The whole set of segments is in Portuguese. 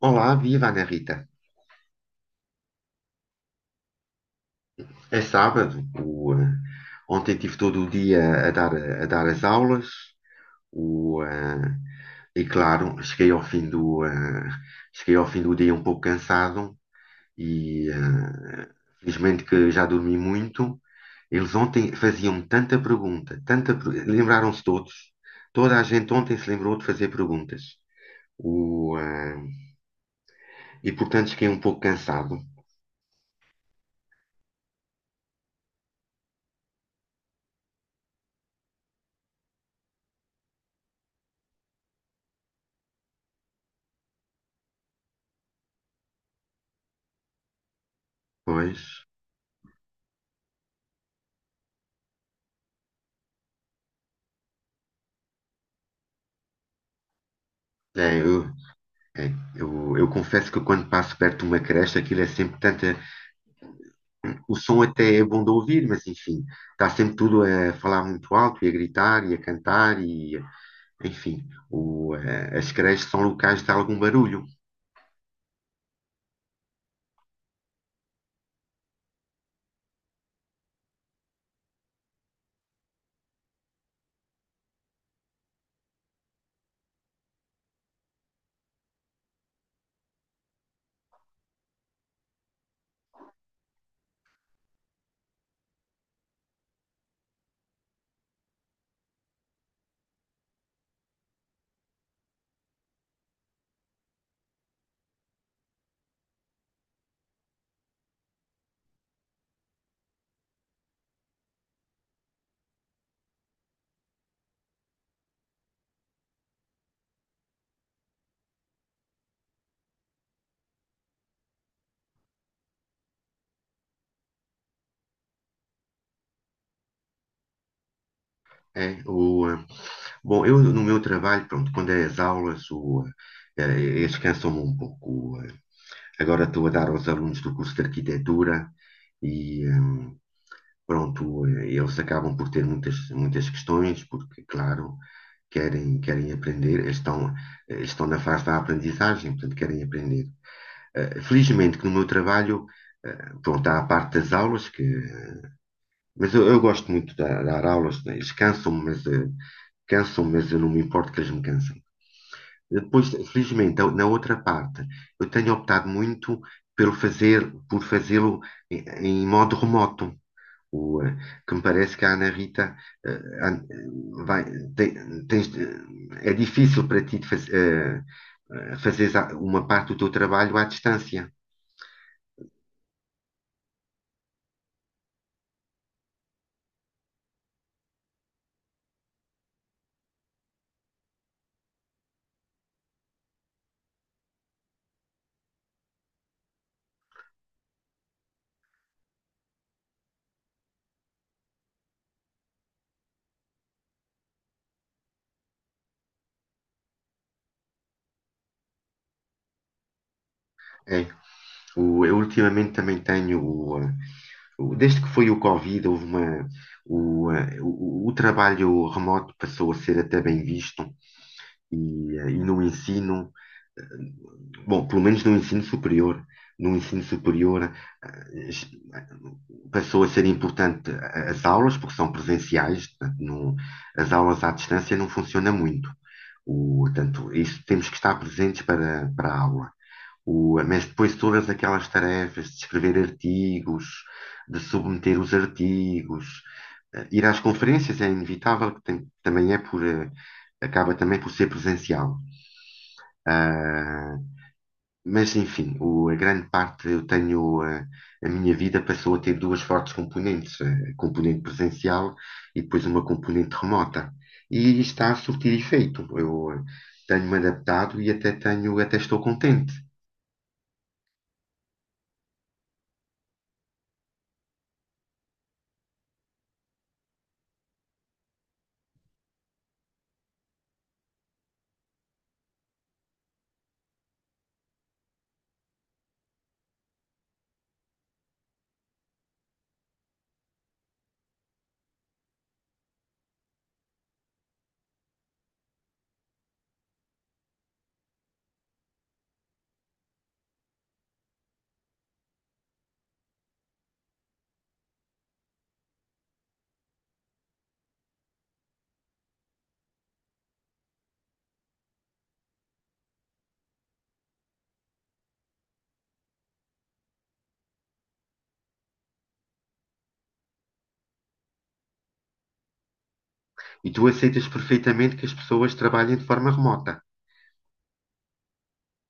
Olá, viva Ana Rita. É sábado. Ontem tive todo o dia a dar as aulas. O, eh, e claro, cheguei ao fim do dia um pouco cansado e felizmente que já dormi muito. Eles ontem faziam tanta pergunta, lembraram-se todos. Toda a gente ontem se lembrou de fazer perguntas. O, eh, e portanto cheguei um pouco cansado. Pois. É, é. Eu confesso que quando passo perto de uma creche, aquilo é sempre tanta. O som até é bom de ouvir, mas enfim, está sempre tudo a falar muito alto e a gritar e a cantar e, enfim, as creches são locais de algum barulho. É, bom, eu no meu trabalho, pronto, quando é as aulas, eh, descansam-me um pouco. Eh. Agora estou a dar aos alunos do curso de arquitetura e, pronto, eles acabam por ter muitas questões, porque, claro, querem aprender, eles estão na fase da aprendizagem, portanto, querem aprender. Felizmente que no meu trabalho, pronto, há a parte das aulas, que mas eu gosto muito de dar aulas, né? Eles cansam-me, mas eu não me importo que eles me cansem. Depois, felizmente, na outra parte, eu tenho optado muito por fazê-lo em, em modo remoto. O, eh, que me parece que a Ana Rita eh, an- vai, tem- tens de- é difícil para ti de fazeres uma parte do teu trabalho à distância. É. Eu ultimamente também tenho. Desde que foi o Covid, houve uma, o, eh, o trabalho remoto passou a ser até bem visto e, e no ensino, bom, pelo menos no ensino superior, no ensino superior eh, es- passou a ser importante as aulas, porque são presenciais, portanto, as aulas à distância não funcionam muito. Portanto, isso temos que estar presentes para a aula. Mas depois todas aquelas tarefas de escrever artigos, de submeter os artigos, ir às conferências é inevitável, também acaba também por ser presencial. Ah, mas, enfim, a grande parte eu tenho, a minha vida passou a ter duas fortes componentes, a componente presencial e depois uma componente remota. E está a surtir efeito. Eu tenho-me adaptado e até estou contente. E tu aceitas perfeitamente que as pessoas trabalhem de forma remota.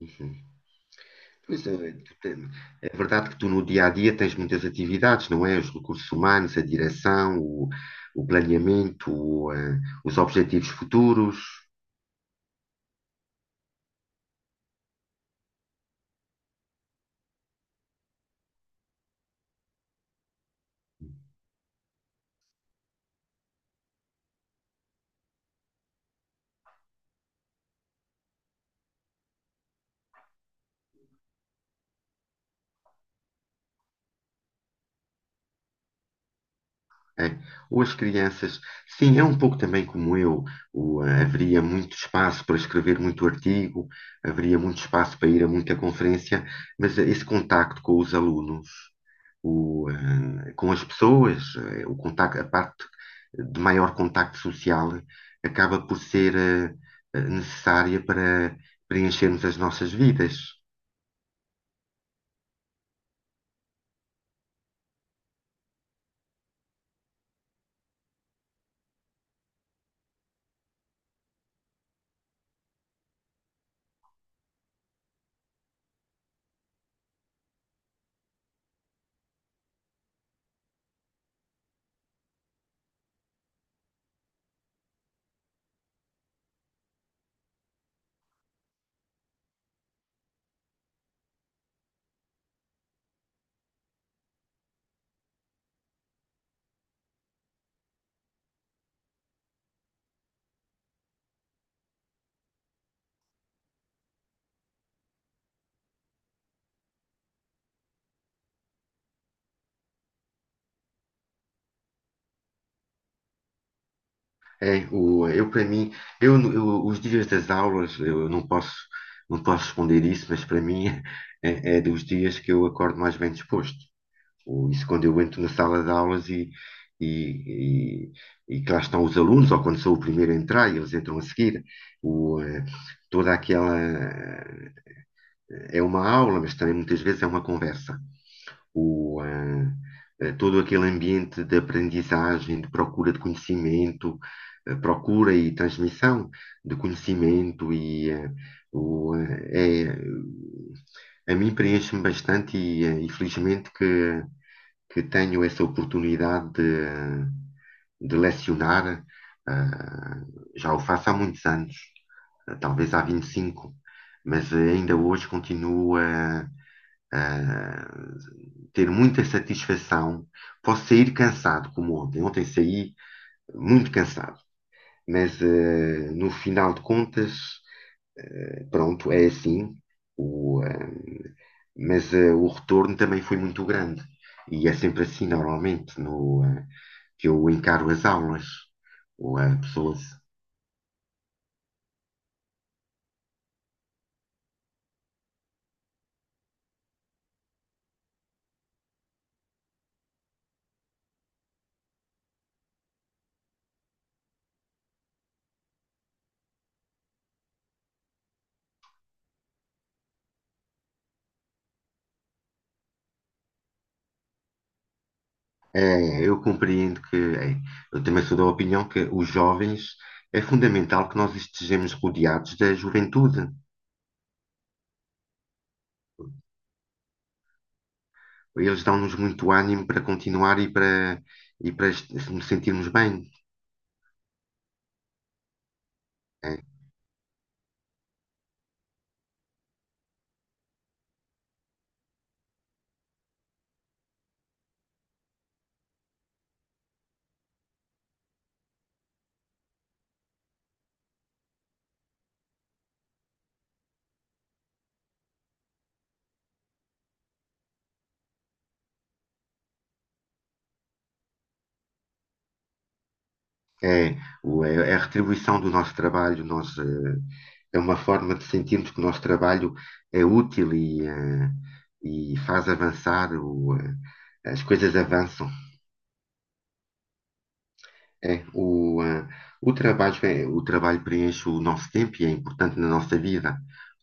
Uhum. Pois é, é verdade que tu no dia a dia tens muitas atividades, não é? Os recursos humanos, a direção, o planeamento, os objetivos futuros, é? Ou as crianças. Sim, é um pouco também como eu. Haveria muito espaço para escrever muito artigo, haveria muito espaço para ir a muita conferência, mas esse contacto com os alunos. Com as pessoas, o contacto, a parte de maior contacto social acaba por ser necessária para preenchermos as nossas vidas. É, eu para mim, os dias das aulas, eu não posso responder isso, mas para mim é dos dias que eu acordo mais bem disposto. Ou isso quando eu entro na sala de aulas e, e que lá estão os alunos, ou quando sou o primeiro a entrar e eles entram a seguir, o, eh, toda aquela eh, é uma aula, mas também muitas vezes é uma conversa. Todo aquele ambiente de aprendizagem, de procura de conhecimento, procura e transmissão de conhecimento e o, eh, a mim preenche-me bastante e, e felizmente que tenho essa oportunidade de lecionar. Já o faço há muitos anos, talvez há 25, mas ainda hoje continuo a ter muita satisfação. Posso sair cansado, como ontem. Ontem saí muito cansado, mas no final de contas, pronto, é assim. O, uh, mas o retorno também foi muito grande. E é sempre assim, normalmente, no, ah, que eu encaro as aulas ou a pessoas. É, eu compreendo que eu também sou da opinião que os jovens é fundamental que nós estejamos rodeados da juventude. Eles dão-nos muito ânimo para continuar e para nos sentirmos bem. É, é. É a retribuição do nosso trabalho, é uma forma de sentirmos que o nosso trabalho é útil e e faz avançar, as coisas avançam. É, o trabalho, o trabalho preenche o nosso tempo e é importante na nossa vida.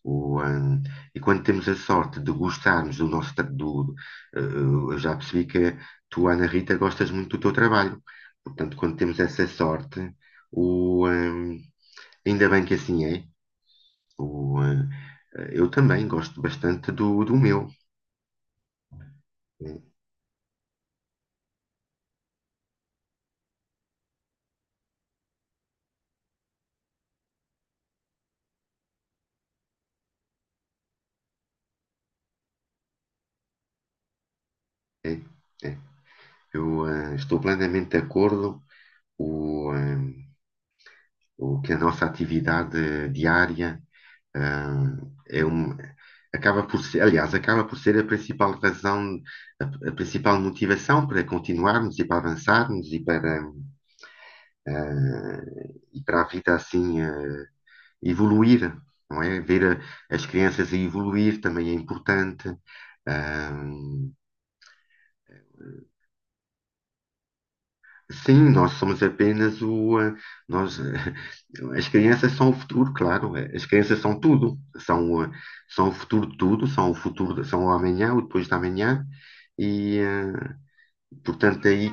O, ah, e quando temos a sorte de gostarmos do nosso. Eu já percebi que tu, Ana Rita, gostas muito do teu trabalho. Portanto, quando temos essa sorte, o, ah, ainda bem que assim é. O, ah, eu também gosto bastante do meu. É, é. Eu estou plenamente de acordo. O, eh, o que a nossa atividade diária ah, é um, acaba por ser, aliás, acaba por ser a principal razão, a principal motivação para continuarmos e para avançarmos ah, e para a vida assim evoluir, não é? Ver as crianças a evoluir também é importante. eh, Sim, nós somos apenas o. Nós, as crianças são o futuro, claro. As crianças são tudo. São o futuro de tudo, são o futuro, são o amanhã, o depois da amanhã. E, portanto, aí.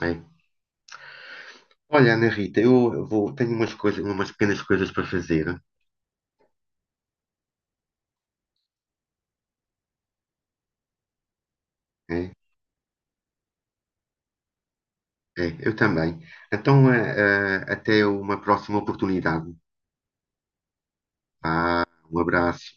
É. Olha, Ana Rita, tenho umas pequenas coisas para fazer. É, é, eu também. Então, até uma próxima oportunidade. Um abraço.